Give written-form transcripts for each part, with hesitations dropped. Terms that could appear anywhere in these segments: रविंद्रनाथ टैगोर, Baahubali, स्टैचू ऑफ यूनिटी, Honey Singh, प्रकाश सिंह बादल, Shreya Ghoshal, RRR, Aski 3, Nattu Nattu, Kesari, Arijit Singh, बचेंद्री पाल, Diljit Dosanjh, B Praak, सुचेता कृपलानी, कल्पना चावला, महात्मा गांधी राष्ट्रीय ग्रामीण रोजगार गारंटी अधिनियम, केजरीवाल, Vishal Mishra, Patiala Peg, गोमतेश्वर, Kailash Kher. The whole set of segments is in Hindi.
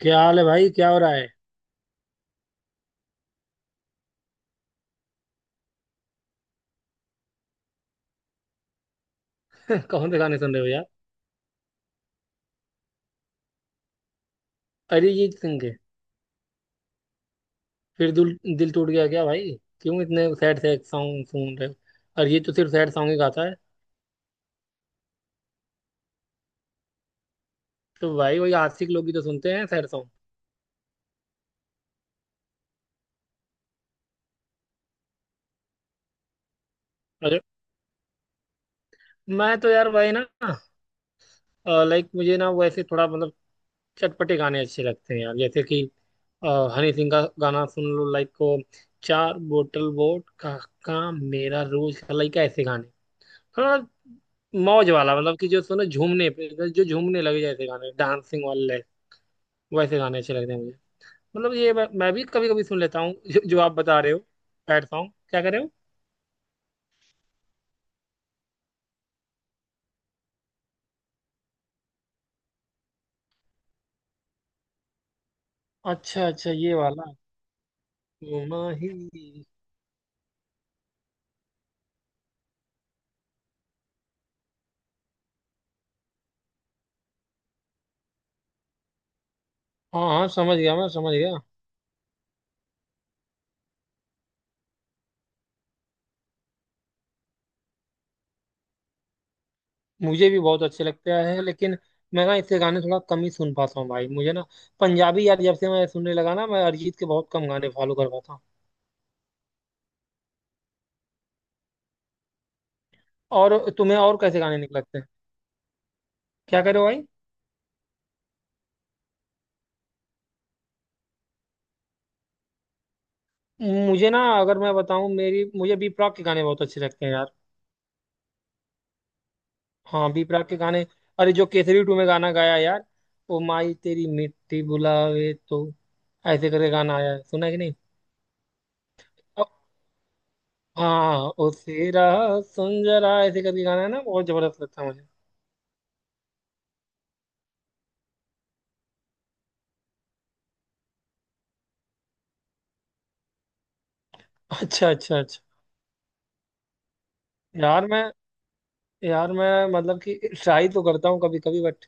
क्या हाल है भाई? क्या हो रहा है? कौन से गाने सुन रहे हो यार? अरिजीत सिंह के। फिर दिल दिल टूट गया क्या भाई? क्यों इतने सैड सैड सॉन्ग सुन रहे हो? और ये तो सिर्फ सैड सॉन्ग ही गाता है। तो भाई वही आशिक लोग ही तो सुनते हैं सैड सॉन्ग। अरे, मैं तो यार भाई ना, लाइक मुझे ना वैसे थोड़ा मतलब चटपटे गाने अच्छे लगते हैं यार, जैसे कि अ, हनी सिंह का गाना सुन लो, लाइक को चार बोतल वोट का काम मेरा रोज का, लाइक ऐसे गाने। हाँ, मौज वाला, मतलब कि जो सुनो झूमने पे, जो झूमने लगे, जैसे गाने डांसिंग वाले, वैसे गाने अच्छे लगते हैं मुझे। मतलब ये मैं भी कभी कभी सुन लेता हूँ जो आप बता रहे हो। सैड सॉन्ग क्या कर रहे हो? अच्छा अच्छा, ये वाला घुमा ही। हाँ हाँ, समझ गया, मैं समझ गया। मुझे भी बहुत अच्छे लगते हैं, लेकिन मैं ना इससे गाने थोड़ा कम ही सुन पाता हूँ भाई। मुझे ना पंजाबी यार जब से मैं सुनने लगा ना, मैं अरिजीत के बहुत कम गाने फॉलो कर पाता हूँ। और तुम्हें और कैसे गाने निकलते हैं? क्या करे भाई। मुझे ना, अगर मैं बताऊं, मेरी, मुझे बी प्राक के गाने बहुत अच्छे लगते हैं यार। हाँ, बी प्राक के गाने। अरे, जो केसरी टू में गाना गाया यार, ओ माई तेरी मिट्टी बुलावे तो, ऐसे करके गाना आया है, सुना है कि नहीं? अ- हाँ, ओ सेरा, सुन जरा, ऐसे करके गाना है ना, बहुत जबरदस्त लगता है मुझे। अच्छा अच्छा अच्छा। यार मैं यार मैं मतलब कि ट्राई तो करता हूँ कभी कभी, बट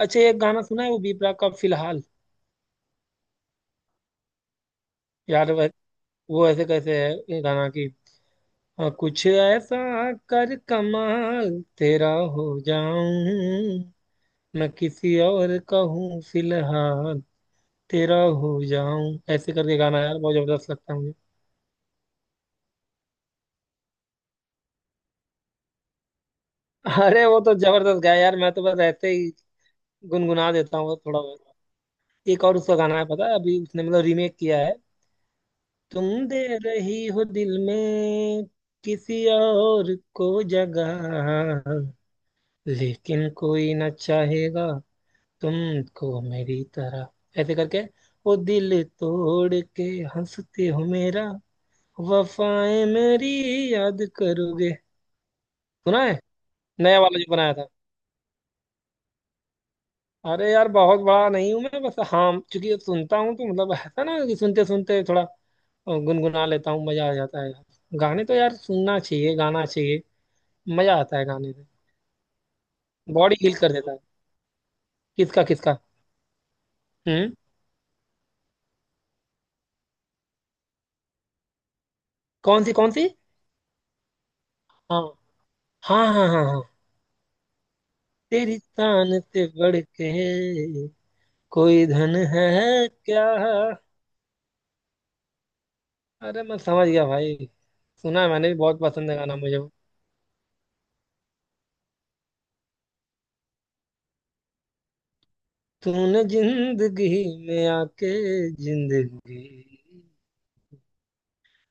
अच्छा, एक गाना सुना है वो बी प्राक का फिलहाल। यार वो ऐसे कैसे है ये गाना की, हाँ कुछ ऐसा, कर कमाल तेरा, हो जाऊं, मैं किसी और का हूँ फिलहाल, तेरा हो जाऊं, ऐसे करके गाना यार बहुत जबरदस्त लगता है मुझे। अरे वो तो जबरदस्त गाया यार, मैं तो बस ऐसे ही गुनगुना देता हूँ थोड़ा बहुत। एक और उसका गाना है, पता है, अभी उसने मतलब रीमेक किया है। तुम दे रही हो दिल में किसी और को जगह, लेकिन कोई न चाहेगा तुमको मेरी तरह, ऐसे करके, वो दिल तोड़ के हंसते हो मेरा, वफाएं मेरी याद करोगे, सुना है, नया वाला जो बनाया था। अरे यार बहुत बड़ा नहीं हूँ मैं, बस हाँ चूंकि सुनता हूँ तो, मतलब ऐसा ना कि सुनते सुनते थोड़ा गुनगुना लेता हूँ, मजा आ जाता है यार। गाने तो यार सुनना चाहिए, गाना चाहिए, मजा आता है गाने से, बॉडी हील कर देता है। किसका किसका? हम्म। कौन सी कौन सी? हाँ हाँ हाँ हाँ हाँ। तेरी तान से बढ़ के कोई धन है क्या। अरे मैं समझ गया भाई। सुना है मैंने भी, बहुत पसंद है गाना मुझे वो। तूने जिंदगी में आके, जिंदगी,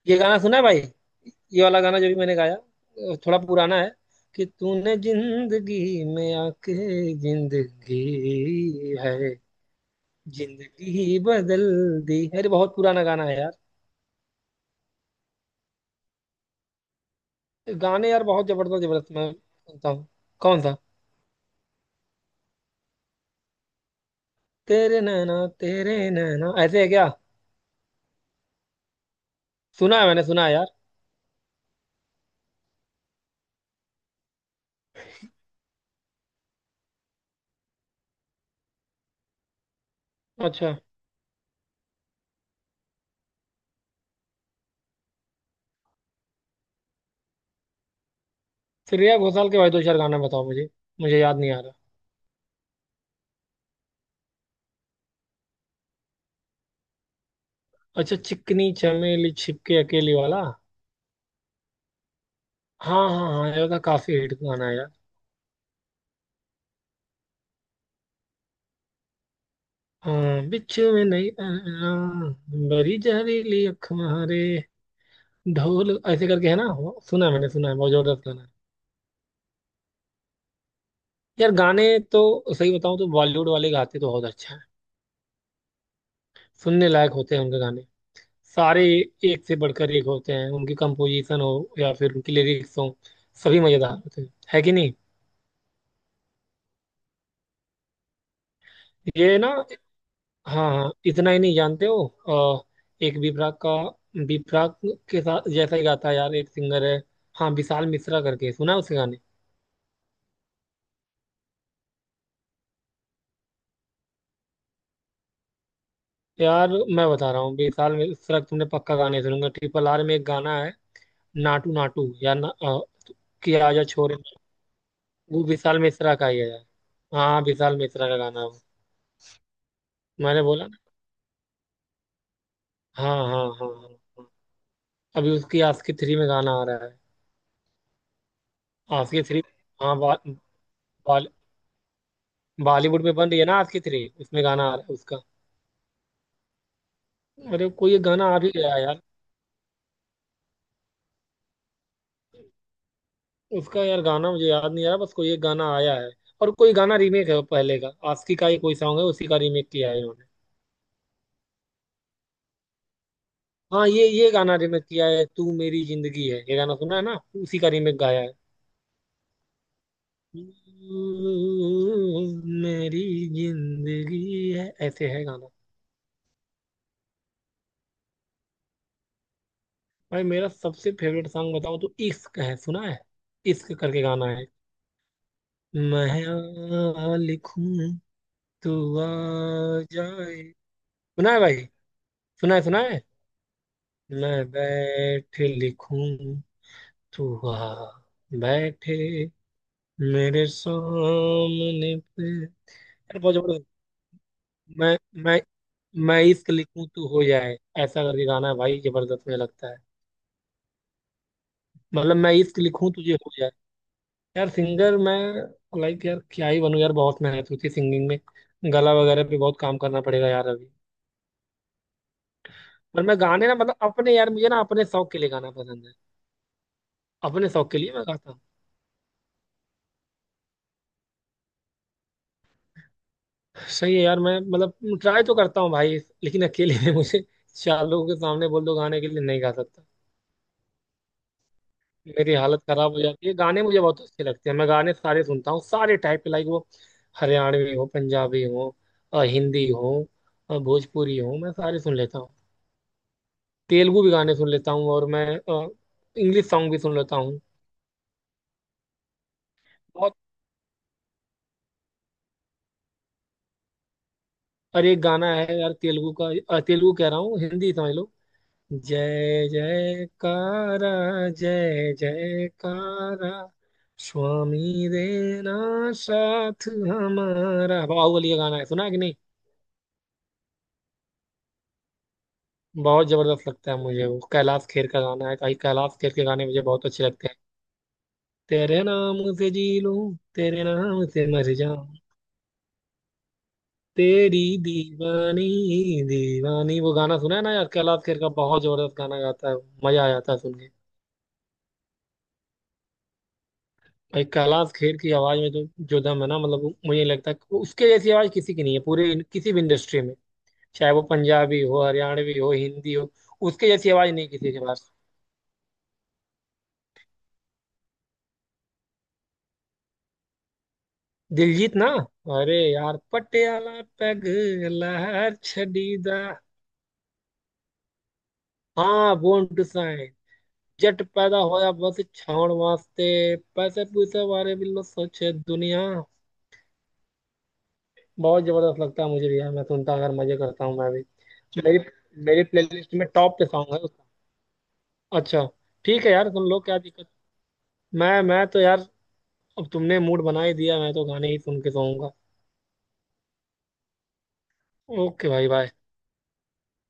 ये गाना सुना है भाई? ये वाला गाना जो भी मैंने गाया, थोड़ा पुराना है, कि तूने जिंदगी में आके, जिंदगी है, जिंदगी ही बदल दी, अरे बहुत पुराना गाना है यार। गाने यार बहुत जबरदस्त जबरदस्त, मैं सुनता हूँ। कौन सा? तेरे नैना, तेरे नैना, ऐसे है क्या? सुना है, मैंने सुना है यार। अच्छा, श्रेया घोषाल के भाई दो चार गाना बताओ मुझे, मुझे याद नहीं आ रहा। अच्छा, चिकनी चमेली छिपके अकेली वाला। हाँ हाँ हाँ, ये तो काफी हिट गाना है यार। हाँ बिच्छू में नहीं बड़ी जहरीली अख मारे, ढोल, ऐसे करके है ना, वो सुना है, मैंने सुना है, बहुत जबरदस्त गाना है यार। गाने तो, सही बताऊं तो बॉलीवुड वाले गाते तो बहुत अच्छा है, सुनने लायक होते हैं उनके गाने सारे, एक से बढ़कर एक होते हैं, उनकी कंपोजिशन हो या फिर उनकी लिरिक्स हो, सभी मजेदार होते हैं, है कि नहीं? ये ना, हाँ हाँ, इतना ही नहीं जानते हो, अ, एक विपरा का, विपरा के साथ जैसा ही गाता है यार एक सिंगर है। हाँ विशाल मिश्रा करके, सुना है उसके गाने? यार मैं बता रहा हूँ विशाल मिश्रा के तुमने पक्का गाने सुनूंगा, ट्रिपल आर में एक गाना है नाटू नाटू या कि आजा छोरे, वो विशाल मिश्रा का ही है यार। हाँ विशाल मिश्रा का गाना है वो। मैंने बोला ना, हाँ हाँ हाँ हाँ। अभी उसकी आस्की थ्री में गाना आ रहा है। आस्की थ्री, हाँ बा, बा, बॉलीवुड में बन रही है ना आस्की थ्री, उसमें गाना आ रहा है उसका। अरे कोई एक गाना आ भी गया यार उसका, यार गाना मुझे याद नहीं आ रहा, बस कोई एक गाना आया है, और कोई गाना रीमेक है वो, पहले का आस्की का ही कोई सॉन्ग है, उसी का रीमेक किया है इन्होंने। हाँ, ये गाना रीमेक किया है, तू मेरी जिंदगी है, ये गाना सुना है ना, उसी का रीमेक गाया है। तू मेरी जिंदगी है, ऐसे है गाना। भाई मेरा सबसे फेवरेट सॉन्ग बताओ तो, इश्क है सुना है, इश्क करके गाना है, मैं आ लिखूं तू आ जाए, सुना है भाई, सुना है सुना है, मैं बैठ लिखूं तू आ बैठे मेरे सामने पे यार, बहुत जबरदस्त। मैं मैं मैं इश्क लिखूं तू हो जाए, ऐसा करके गाना है भाई, जबरदस्त मुझे लगता है, मतलब मैं इश्क लिखूं तुझे हो जाए। यार सिंगर मैं लाइक यार क्या ही बनूं यार, बहुत मेहनत होती है सिंगिंग में, गला वगैरह पे बहुत काम करना पड़ेगा यार अभी। पर मैं गाने ना मतलब अपने, यार मुझे ना अपने शौक के लिए गाना पसंद है, अपने शौक के लिए मैं गाता हूँ। सही है यार, मैं मतलब ट्राई तो करता हूँ भाई, लेकिन अकेले में मुझे, चार लोगों के सामने बोल दो गाने के लिए नहीं गा सकता, मेरी हालत खराब हो जाती है। गाने मुझे बहुत अच्छे लगते हैं, मैं गाने सारे सुनता हूँ, सारे टाइप के, लाइक वो, हरियाणवी हो, पंजाबी हो, हिंदी हो, भोजपुरी हो, मैं सारे सुन लेता हूँ, तेलुगु भी गाने सुन लेता हूँ और मैं इंग्लिश सॉन्ग भी सुन लेता हूँ। बहुत। और एक गाना है यार तेलुगु का, तेलुगु कह रहा हूँ हिंदी समझ लो, जय जयकारा, जय जयकारा, स्वामी देना साथ हमारा, बाहुबली का गाना है, सुना है कि नहीं? बहुत जबरदस्त लगता है मुझे वो, कैलाश खेर का गाना है कहीं, कैलाश खेर के गाने मुझे बहुत अच्छे लगते हैं। तेरे नाम से जी लूं, तेरे नाम से मर जाऊं, तेरी दीवानी दीवानी, वो गाना सुना है ना यार, कैलाश खेर का, बहुत जबरदस्त गाना गाता है, मजा आ जाता है सुन के। भाई कैलाश खेर की आवाज में तो जो दम है ना, मतलब मुझे लगता है कि उसके जैसी आवाज किसी की नहीं है पूरे किसी भी इंडस्ट्री में, चाहे वो पंजाबी हो हरियाणवी हो हिंदी हो, उसके जैसी आवाज नहीं किसी के पास। दिलजीत ना, अरे यार पटियाला पैग, लहर छड़ी दा, हाँ बोन टू साइन, जट पैदा होया बस छाउण वास्ते, पैसे पूसे बारे भी लो सोचे दुनिया, बहुत जबरदस्त लगता है मुझे भी यार, मैं सुनता, अगर मजे करता हूँ मैं भी। मेरी मेरी प्लेलिस्ट में टॉप पे सॉन्ग है। अच्छा। ठीक है यार तुम लोग क्या दिक्कत। मैं तो यार, अब तुमने मूड बना ही दिया, मैं तो गाने ही सुन के सोऊंगा। ओके भाई बाय।